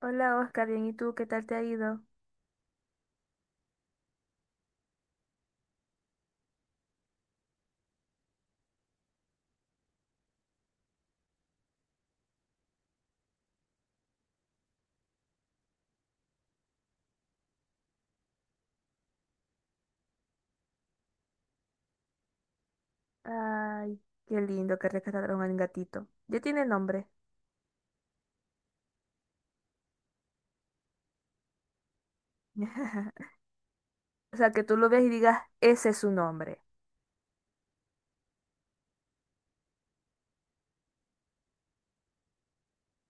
Hola Oscar, bien, ¿y tú qué tal te ha ido? Ay, qué lindo que rescataron al gatito. Ya tiene nombre. O sea, que tú lo veas y digas, ese es su nombre.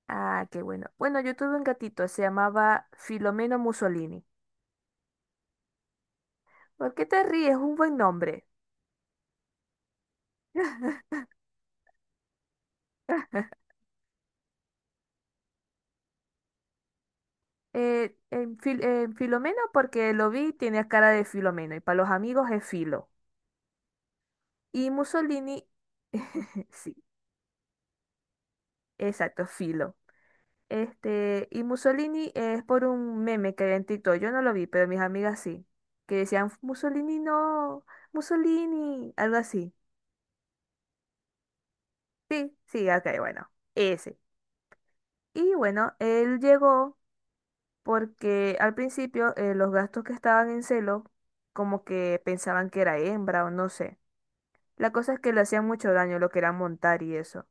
Ah, qué bueno. Bueno, yo tuve un gatito, se llamaba Filomeno Mussolini. ¿Por qué te ríes? Es un buen nombre. En Filomeno porque lo vi, y tenía cara de Filomeno y para los amigos es Filo. Y Mussolini, sí, exacto, Filo. Este, y Mussolini es por un meme que había en TikTok. Yo no lo vi, pero mis amigas sí. Que decían, Mussolini no, Mussolini, algo así. Sí, sí, ok, bueno, ese. Y bueno, él llegó porque al principio los gastos que estaban en celo, como que pensaban que era hembra o no sé. La cosa es que le hacían mucho daño lo que era montar y eso.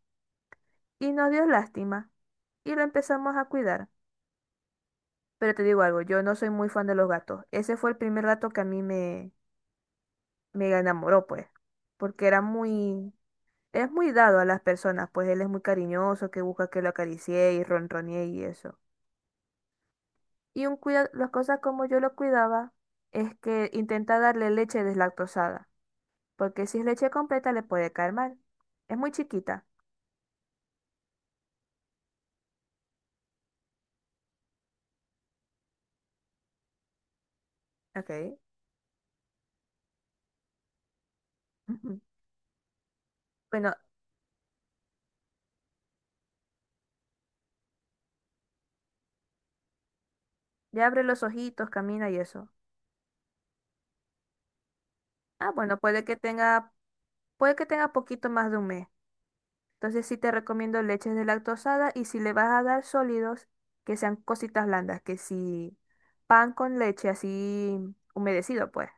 Y nos dio lástima. Y lo empezamos a cuidar. Pero te digo algo, yo no soy muy fan de los gatos. Ese fue el primer gato que a mí me enamoró, pues, porque era muy, es muy dado a las personas, pues él es muy cariñoso, que busca que lo acaricie y ronronee y eso. Y un cuida, las cosas como yo lo cuidaba es que intenta darle leche deslactosada, porque si es leche completa le puede caer mal. Es muy chiquita. Okay. Ujú. Bueno, ya abre los ojitos, camina y eso. Ah, bueno, puede que tenga poquito más de un mes. Entonces sí te recomiendo leches deslactosada y si le vas a dar sólidos, que sean cositas blandas, que si pan con leche así humedecido pues.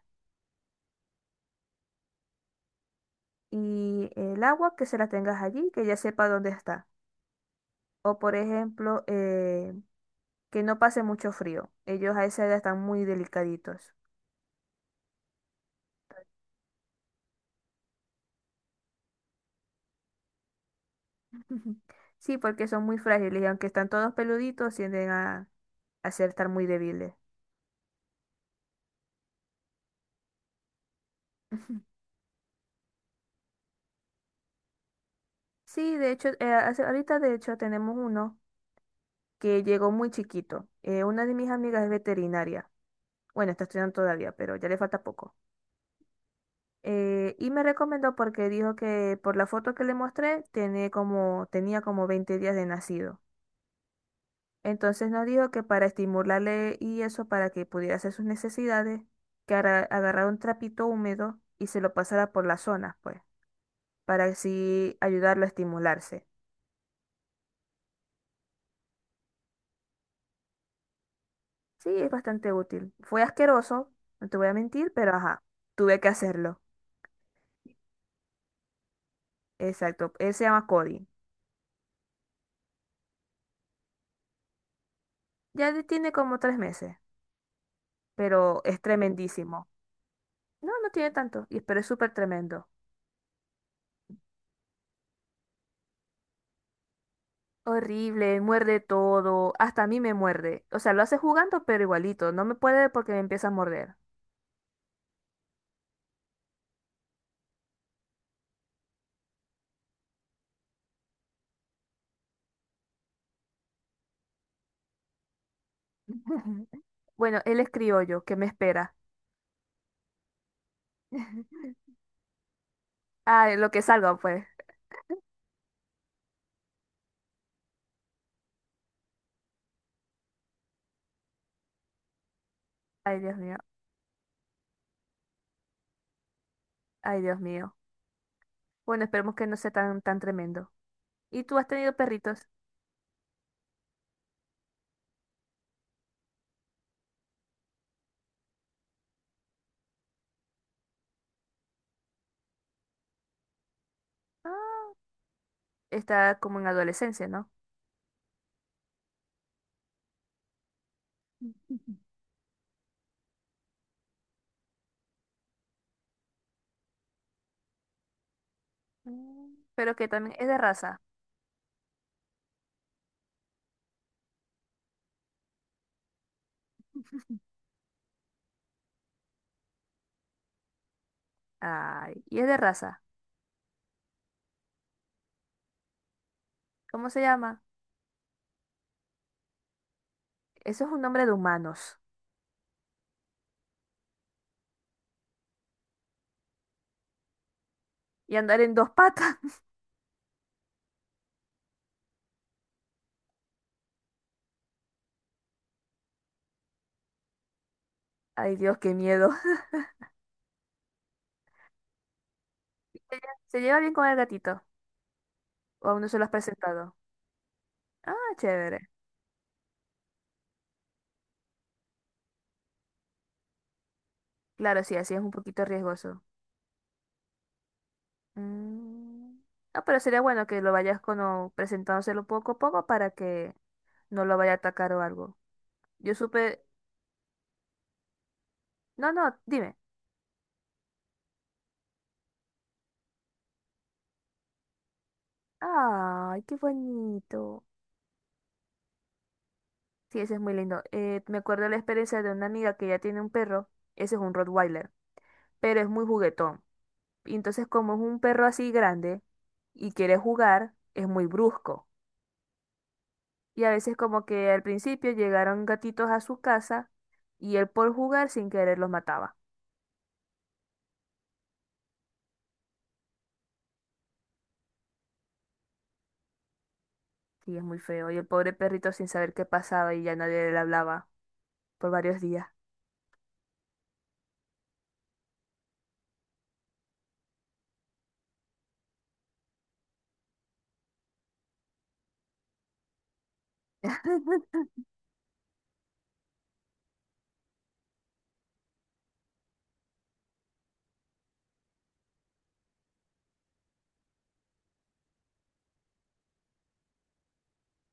Y el agua que se la tengas allí, que ya sepa dónde está. O por ejemplo, que no pase mucho frío. Ellos a esa edad están muy delicaditos. Sí, porque son muy frágiles y aunque están todos peluditos, tienden a ser estar muy débiles. Sí, de hecho, ahorita de hecho tenemos uno, que llegó muy chiquito. Una de mis amigas es veterinaria. Bueno, está estudiando todavía, pero ya le falta poco. Y me recomendó porque dijo que por la foto que le mostré tiene como, tenía como 20 días de nacido. Entonces nos dijo que para estimularle y eso, para que pudiera hacer sus necesidades, que agarrara un trapito húmedo y se lo pasara por las zonas, pues, para así ayudarlo a estimularse. Sí, es bastante útil. Fue asqueroso, no te voy a mentir, pero ajá, tuve que hacerlo. Exacto, él se llama Cody. Tiene como tres meses, pero es tremendísimo. No, no tiene tanto, pero es súper tremendo. Horrible, muerde todo, hasta a mí me muerde. O sea, lo hace jugando, pero igualito, no me puede porque me empieza a morder. Bueno, él es criollo, ¿qué me espera? Ay, lo que salga, pues. Ay, Dios mío, ay, Dios mío. Bueno, esperemos que no sea tan, tan tremendo. ¿Y tú has tenido perritos? Ah, está como en adolescencia, ¿no? Mm. Pero que también es de raza. Ay, y es de raza. ¿Cómo se llama? Eso es un nombre de humanos. Y andar en dos patas. Ay, Dios, qué miedo. ¿Ella ¿Se lleva bien con el gatito? ¿O aún no se lo has presentado? Ah, chévere. Claro, sí, así es un poquito riesgoso. Mm, no, pero sería bueno que lo vayas como presentándoselo poco a poco para que no lo vaya a atacar o algo. Yo supe... No, no, dime. Ay, qué bonito. Sí, ese es muy lindo. Me acuerdo de la experiencia de una amiga que ya tiene un perro. Ese es un Rottweiler, pero es muy juguetón. Y entonces como es un perro así grande y quiere jugar, es muy brusco. Y a veces como que al principio llegaron gatitos a su casa y él por jugar sin querer los mataba. Sí, es muy feo. Y el pobre perrito sin saber qué pasaba y ya nadie le hablaba por varios días.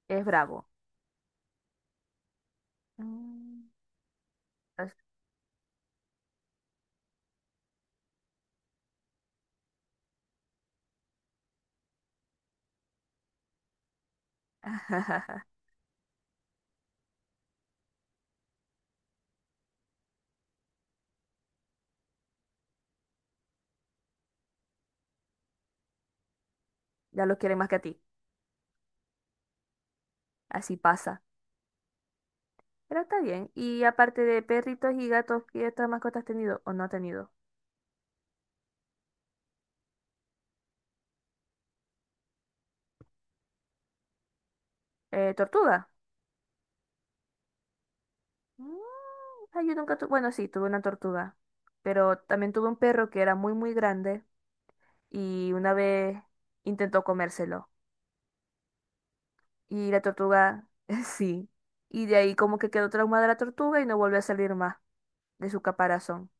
Es bravo. Mm. As- Ya lo quiere más que a ti. Así pasa. Pero está bien. Y aparte de perritos y gatos, ¿qué otras mascotas has tenido o no has tenido? Tortuga. Mm. Ay, yo nunca tuve, bueno, sí, tuve una tortuga, pero también tuve un perro que era muy, muy grande y una vez intentó comérselo. Y la tortuga, sí. Y de ahí como que quedó traumada la tortuga y no volvió a salir más de su caparazón.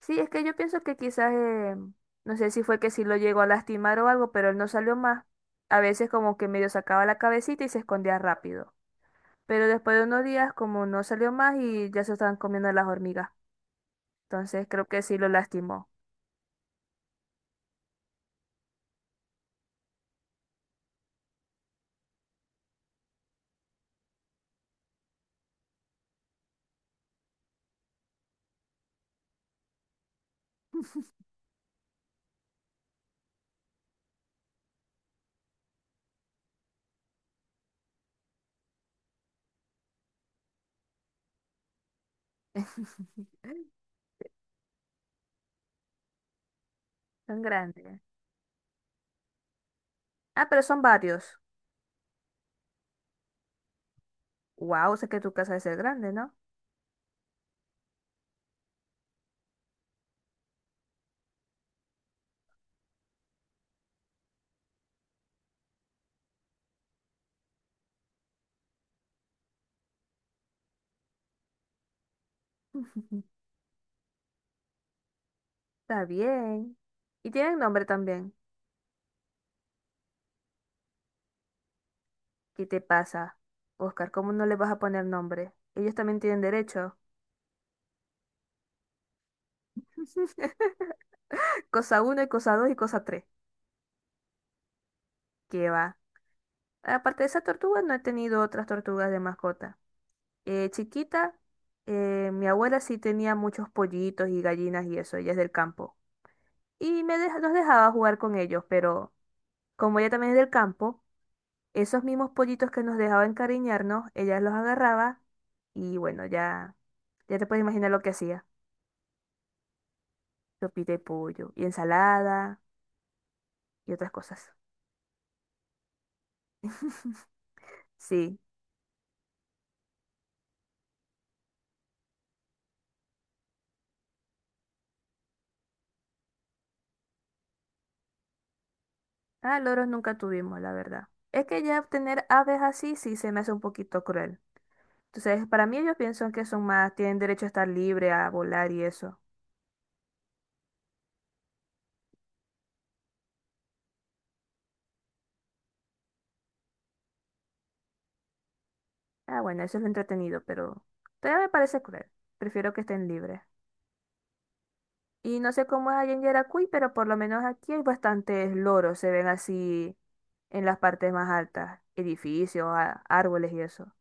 Sí, es que yo pienso que quizás, no sé si fue que sí lo llegó a lastimar o algo, pero él no salió más. A veces como que medio sacaba la cabecita y se escondía rápido. Pero después de unos días como no salió más y ya se estaban comiendo las hormigas. Entonces creo que sí lo lastimó. Son grandes. Ah, pero son varios. Wow, sé que tu casa debe ser grande, ¿no? Está bien. Y tienen nombre también. ¿Qué te pasa, Oscar? ¿Cómo no le vas a poner nombre? Ellos también tienen derecho. Cosa uno y cosa 2 y cosa tres. ¿Qué va? Aparte de esa tortuga, no he tenido otras tortugas de mascota. Chiquita, mi abuela sí tenía muchos pollitos y gallinas y eso, ella es del campo. Nos dejaba jugar con ellos, pero como ella también es del campo, esos mismos pollitos que nos dejaba encariñarnos, ella los agarraba y bueno, ya, ya te puedes imaginar lo que hacía. Sopi de pollo y ensalada y otras cosas. Sí. Ah, loros nunca tuvimos, la verdad. Es que ya tener aves así sí se me hace un poquito cruel. Entonces, para mí ellos piensan que son más, tienen derecho a estar libre, a volar y eso. Ah, bueno, eso es lo entretenido, pero todavía me parece cruel. Prefiero que estén libres. Y no sé cómo es allá en Yaracuy, pero por lo menos aquí hay bastantes loros, se ven así en las partes más altas, edificios, árboles y eso.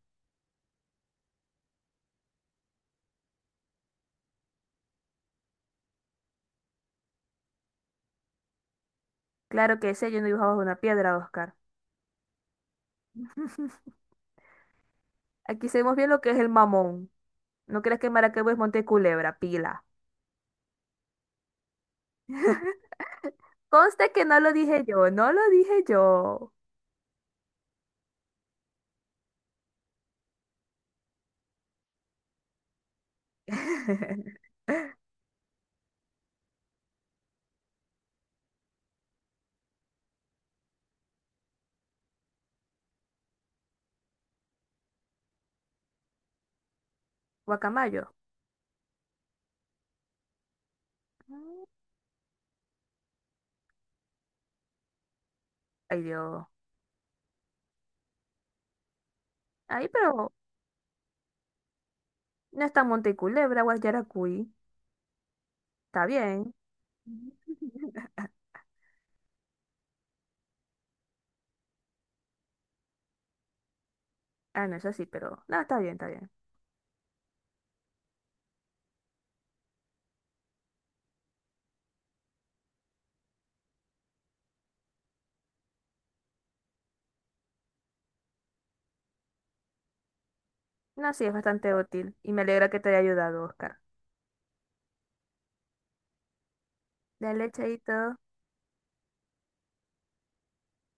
Claro que ese yo no dibujaba una piedra, Oscar. Aquí sabemos bien lo que es el mamón. ¿No crees que Maracaibo es Monte Culebra, pila? Conste que no lo dije yo, no lo dije yo. Guacamayo. Ay, Dios. Ay, pero no está Monte Culebra, Guayaracuy. Está bien. Ah, no, eso sí, pero no, está bien, está bien. No, sí, es bastante útil y me alegra que te haya ayudado, Oscar. Dale, chaito.